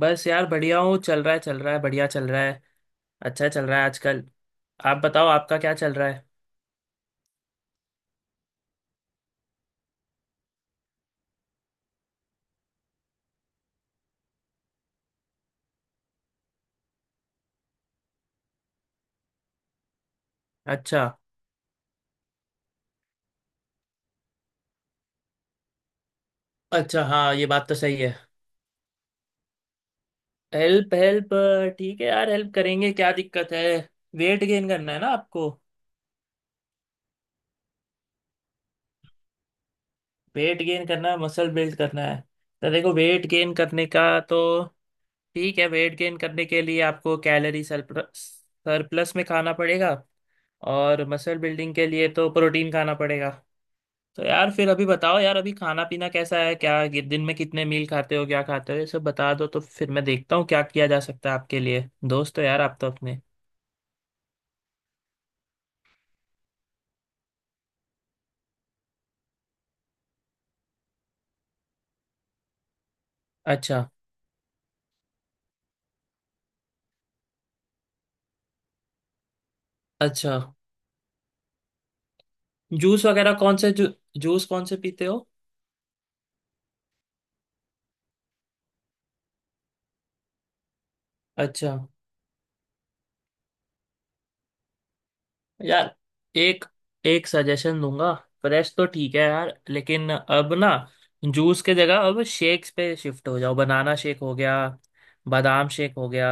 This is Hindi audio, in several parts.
बस यार, बढ़िया हूँ। चल रहा है, चल रहा है, बढ़िया चल रहा है। अच्छा चल रहा है आजकल। आप बताओ, आपका क्या चल रहा है? अच्छा। अच्छा, हाँ, ये बात तो सही है। Help, help. ठीक है यार, हेल्प करेंगे। क्या दिक्कत है? वेट गेन करना है ना आपको? वेट गेन करना है, मसल बिल्ड करना है। तो देखो वेट गेन करने का, तो, ठीक है, वेट गेन करने के लिए आपको कैलोरी सरप्लस में खाना पड़ेगा। और मसल बिल्डिंग के लिए तो प्रोटीन खाना पड़ेगा। तो यार, फिर अभी बताओ यार, अभी खाना पीना कैसा है, दिन में कितने मील खाते हो, क्या खाते हो, ये सब बता दो, तो फिर मैं देखता हूँ क्या किया जा सकता है। आपके लिए दोस्त हो यार, आप तो अपने। अच्छा। अच्छा, जूस वगैरह जूस कौन से पीते हो? अच्छा। यार, एक एक सजेशन दूंगा। फ्रेश तो ठीक है यार, लेकिन अब ना, जूस के जगह अब शेक्स पे शिफ्ट हो जाओ। बनाना शेक हो गया, बादाम शेक हो गया,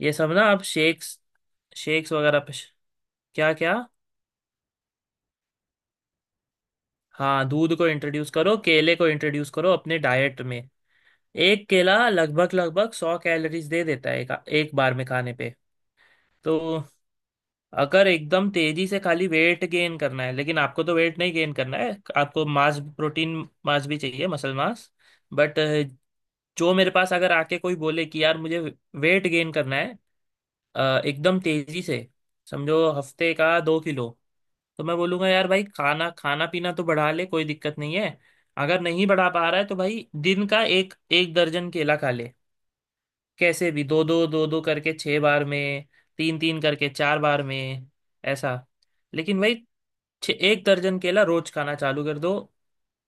ये सब ना, अब शेक्स शेक्स वगैरह पे। क्या क्या? हाँ, दूध को इंट्रोड्यूस करो, केले को इंट्रोड्यूस करो अपने डाइट में। एक केला लगभग लगभग 100 कैलोरीज दे देता है, एक बार में खाने पे। तो अगर एकदम तेजी से खाली वेट गेन करना है, लेकिन आपको तो वेट नहीं गेन करना है। आपको मास प्रोटीन, मास भी चाहिए, मसल मास। बट जो मेरे पास अगर आके कोई बोले कि यार मुझे वेट गेन करना है, अ, एकदम तेजी से, समझो हफ्ते का 2 किलो। तो मैं बोलूंगा यार भाई, खाना खाना पीना तो बढ़ा ले, कोई दिक्कत नहीं है। अगर नहीं बढ़ा पा रहा है तो भाई दिन का एक एक दर्जन केला खा ले। कैसे भी, दो दो दो दो करके 6 बार में, तीन तीन करके 4 बार में। ऐसा, लेकिन भाई, छः एक दर्जन केला रोज खाना चालू कर दो।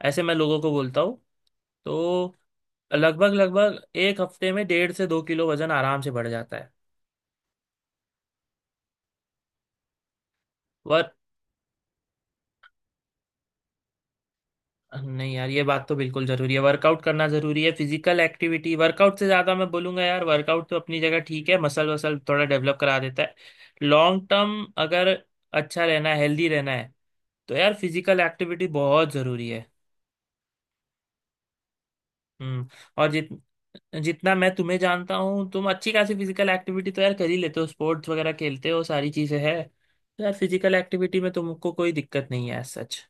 ऐसे मैं लोगों को बोलता हूँ। तो लगभग लगभग एक हफ्ते में डेढ़ से 2 किलो वजन आराम से बढ़ जाता है। नहीं यार, ये बात तो बिल्कुल जरूरी है, वर्कआउट करना जरूरी है। फिजिकल एक्टिविटी, वर्कआउट से ज्यादा मैं बोलूंगा यार। वर्कआउट तो अपनी जगह ठीक है, मसल वसल थोड़ा डेवलप करा देता है। लॉन्ग टर्म अगर अच्छा रहना है, हेल्दी रहना है, तो यार फिजिकल एक्टिविटी बहुत जरूरी है। हम्म। और जितना मैं तुम्हें जानता हूँ, तुम अच्छी खासी फिजिकल एक्टिविटी तो यार कर ही लेते हो, स्पोर्ट्स वगैरह खेलते हो, सारी चीजें हैं, तो यार फिजिकल एक्टिविटी में तुमको कोई दिक्कत नहीं है as सच।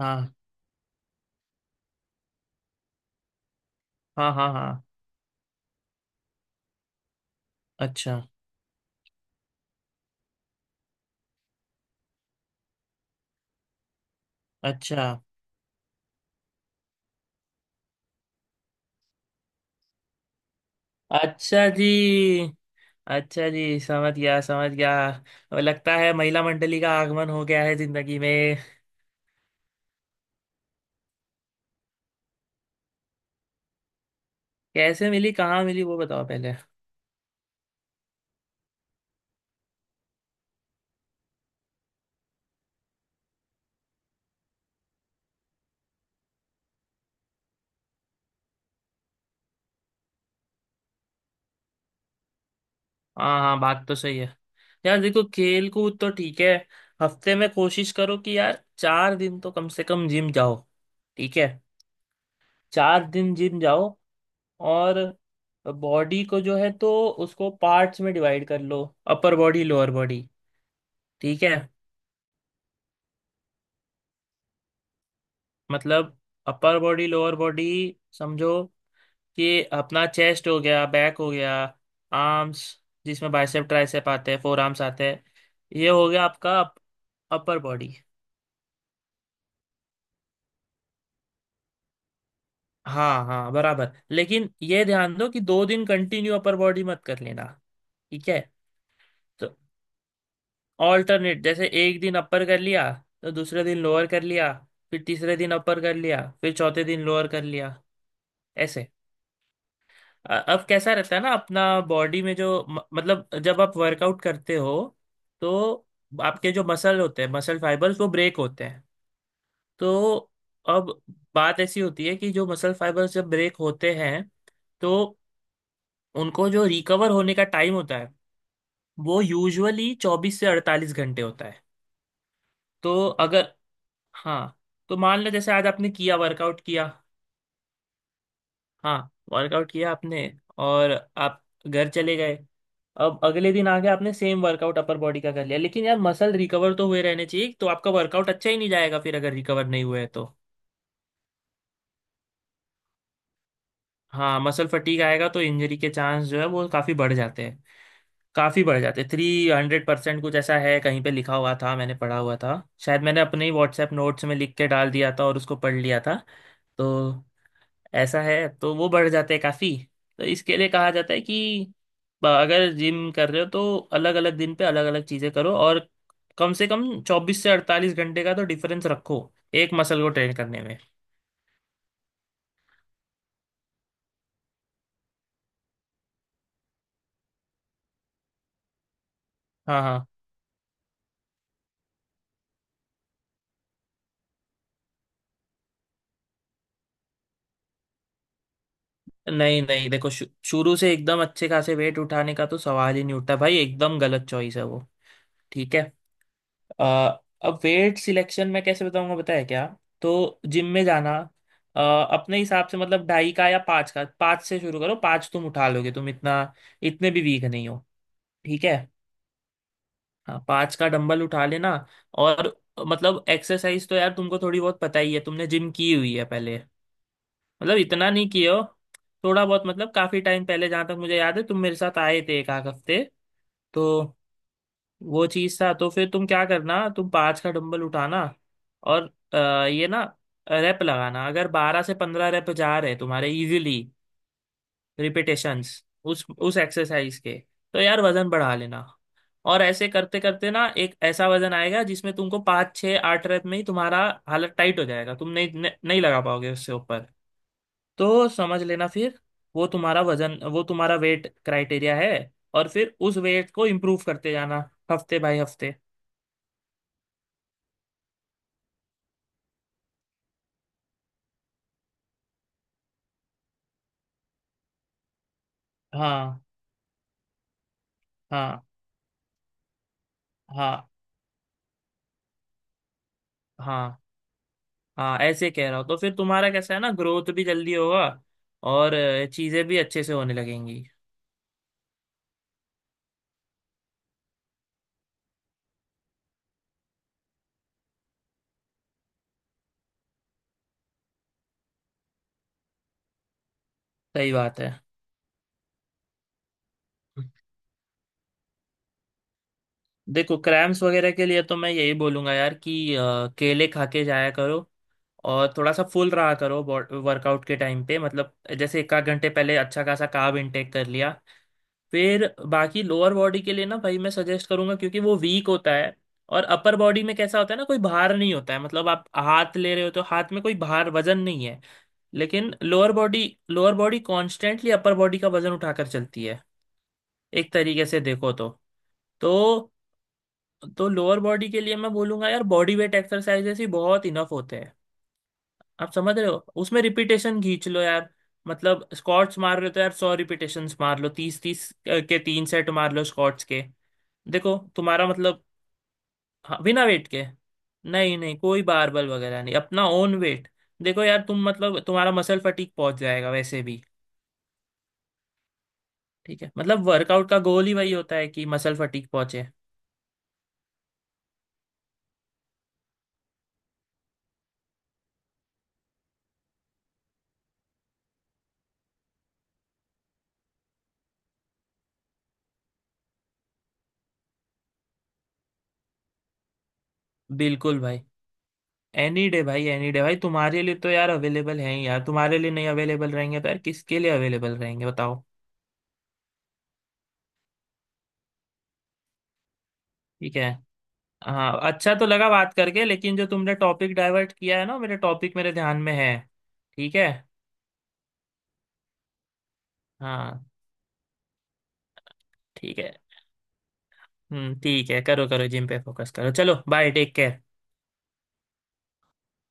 हाँ, हाँ, हाँ। हाँ, अच्छा। अच्छा। अच्छा जी। अच्छा जी, समझ गया, समझ गया। अब लगता है महिला मंडली का आगमन हो गया है जिंदगी में। कैसे मिली, कहाँ मिली, वो बताओ पहले। हाँ हाँ, बात तो सही है। यार देखो, खेल कूद तो ठीक है, हफ्ते में कोशिश करो कि यार 4 दिन तो कम से कम जिम जाओ। ठीक है। 4 दिन जिम जाओ। और बॉडी को जो है तो उसको पार्ट्स में डिवाइड कर लो। Upper body, lower body. ठीक है। मतलब अपर बॉडी, लोअर बॉडी, समझो, ये अपना चेस्ट हो गया, बैक हो गया, आर्म्स जिसमें बाइसेप ट्राइसेप आते हैं, फोर आर्म्स आते हैं, ये हो गया आपका अपर बॉडी। हाँ हाँ, बराबर। लेकिन ये ध्यान दो कि 2 दिन कंटिन्यू अपर बॉडी मत कर लेना। ठीक है। तो ऑल्टरनेट, जैसे एक दिन अपर कर लिया, तो दूसरे दिन लोअर कर लिया, फिर तीसरे दिन अपर कर लिया, फिर चौथे दिन लोअर कर लिया। ऐसे। अब कैसा रहता है ना, अपना बॉडी में जो, मतलब, जब आप वर्कआउट करते हो तो आपके जो मसल होते हैं, मसल फाइबर्स, वो ब्रेक होते हैं। तो अब बात ऐसी होती है कि जो मसल फाइबर्स जब ब्रेक होते हैं, तो उनको जो रिकवर होने का टाइम होता है, वो यूजुअली 24 से 48 घंटे होता है। तो अगर, हाँ, तो मान लो जैसे आज आपने किया, वर्कआउट किया। हाँ, वर्कआउट किया आपने, और आप घर चले गए। अब अगले दिन आके आपने सेम वर्कआउट अपर बॉडी का कर लिया, लेकिन यार, मसल रिकवर तो हुए रहने चाहिए, तो आपका वर्कआउट अच्छा ही नहीं जाएगा फिर, अगर रिकवर नहीं हुए तो। हाँ, मसल फटीग आएगा तो इंजरी के चांस जो है वो काफ़ी बढ़ जाते हैं। काफ़ी बढ़ जाते हैं, 300% कुछ ऐसा है, कहीं पे लिखा हुआ था, मैंने पढ़ा हुआ था शायद, मैंने अपने ही व्हाट्सएप नोट्स में लिख के डाल दिया था और उसको पढ़ लिया था। तो ऐसा है, तो वो बढ़ जाते हैं काफी। तो इसके लिए कहा जाता है कि, अगर जिम कर रहे हो तो अलग अलग दिन पे अलग अलग चीजें करो, और कम से कम 24 से 48 घंटे का तो डिफरेंस रखो एक मसल को ट्रेन करने में। हाँ हाँ। नहीं नहीं, देखो, शुरू से एकदम अच्छे खासे वेट उठाने का तो सवाल ही नहीं उठता भाई। एकदम गलत चॉइस है वो। ठीक है। अ, अब वेट सिलेक्शन मैं कैसे बताऊंगा, बताया क्या। तो जिम में जाना, अपने हिसाब से, मतलब ढाई का या 5 का, 5 से शुरू करो। 5 तुम उठा लोगे तुम, इतना, इतने भी वीक नहीं हो। ठीक है। हाँ, 5 का डंबल उठा लेना। और, मतलब, एक्सरसाइज तो यार तुमको थोड़ी बहुत पता ही है, तुमने जिम की हुई है पहले। मतलब इतना नहीं किए हो, थोड़ा बहुत, मतलब काफी टाइम पहले, जहां तक मुझे याद है, तुम मेरे साथ आए थे एक आध हफ्ते, तो वो चीज था। तो फिर तुम क्या करना, तुम 5 का डंबल उठाना और अ, ये ना, रैप लगाना, अगर 12 से 15 रैप जा रहे तुम्हारे इजीली, रिपीटेशंस उस एक्सरसाइज के, तो यार वजन बढ़ा लेना। और ऐसे करते करते ना एक ऐसा वजन आएगा जिसमें तुमको 5, 6, 8 रेप में ही तुम्हारा हालत टाइट हो जाएगा, तुम नहीं नहीं नहीं लगा पाओगे उससे ऊपर। तो समझ लेना फिर, वो तुम्हारा वजन, वो तुम्हारा वेट क्राइटेरिया है। और फिर उस वेट को इम्प्रूव करते जाना, हफ्ते बाय हफ्ते। हाँ, हाँ, हाँ। हाँ, हाँ ऐसे कह रहा हूँ, तो फिर तुम्हारा कैसा है ना, ग्रोथ भी जल्दी होगा और चीजें भी अच्छे से होने लगेंगी। सही बात है। देखो, क्रैम्स वगैरह के लिए तो मैं यही बोलूंगा यार कि केले खा के जाया करो, और थोड़ा सा फुल रहा करो वर्कआउट के टाइम पे, मतलब जैसे एक आध घंटे पहले अच्छा खासा कार्ब इनटेक कर लिया। फिर, बाकी लोअर बॉडी के लिए ना भाई, मैं सजेस्ट करूंगा, क्योंकि वो वीक होता है। और अपर बॉडी में कैसा होता है ना, कोई भार नहीं होता है, मतलब आप हाथ ले रहे हो तो हाथ में कोई भार वजन नहीं है। लेकिन lower body, lower body constantly upper body का वजन उठाकर चलती है, एक तरीके से देखो तो तो तो लोअर बॉडी के लिए मैं बोलूंगा यार, बॉडी वेट एक्सरसाइजेस ही बहुत इनफ होते हैं, आप समझ रहे हो। उसमें रिपीटेशन खींच लो यार। मतलब स्क्वाट्स मार रहे हो तो यार 100 रिपीटेशन मार लो, 30-30 के 3 सेट मार लो स्क्वाट्स के। देखो तुम्हारा मतलब, हाँ, बिना वेट के। नहीं नहीं, कोई बारबल वगैरह नहीं, अपना ओन वेट। देखो यार तुम, मतलब, तुम्हारा मसल फटीक पहुंच जाएगा वैसे भी। ठीक है, मतलब वर्कआउट का गोल ही वही होता है कि मसल फटीक पहुंचे। बिल्कुल भाई। एनी डे भाई, एनी डे भाई, तुम्हारे लिए तो यार अवेलेबल है ही। यार, तुम्हारे लिए नहीं अवेलेबल रहेंगे तो यार किसके लिए अवेलेबल रहेंगे, बताओ? ठीक है। हाँ, अच्छा तो लगा बात करके, लेकिन जो तुमने टॉपिक डाइवर्ट किया है ना, मेरे टॉपिक मेरे ध्यान में है। ठीक है। हाँ। ठीक है। हम्म, ठीक है, करो करो जिम पे फोकस करो। चलो, बाय, टेक केयर।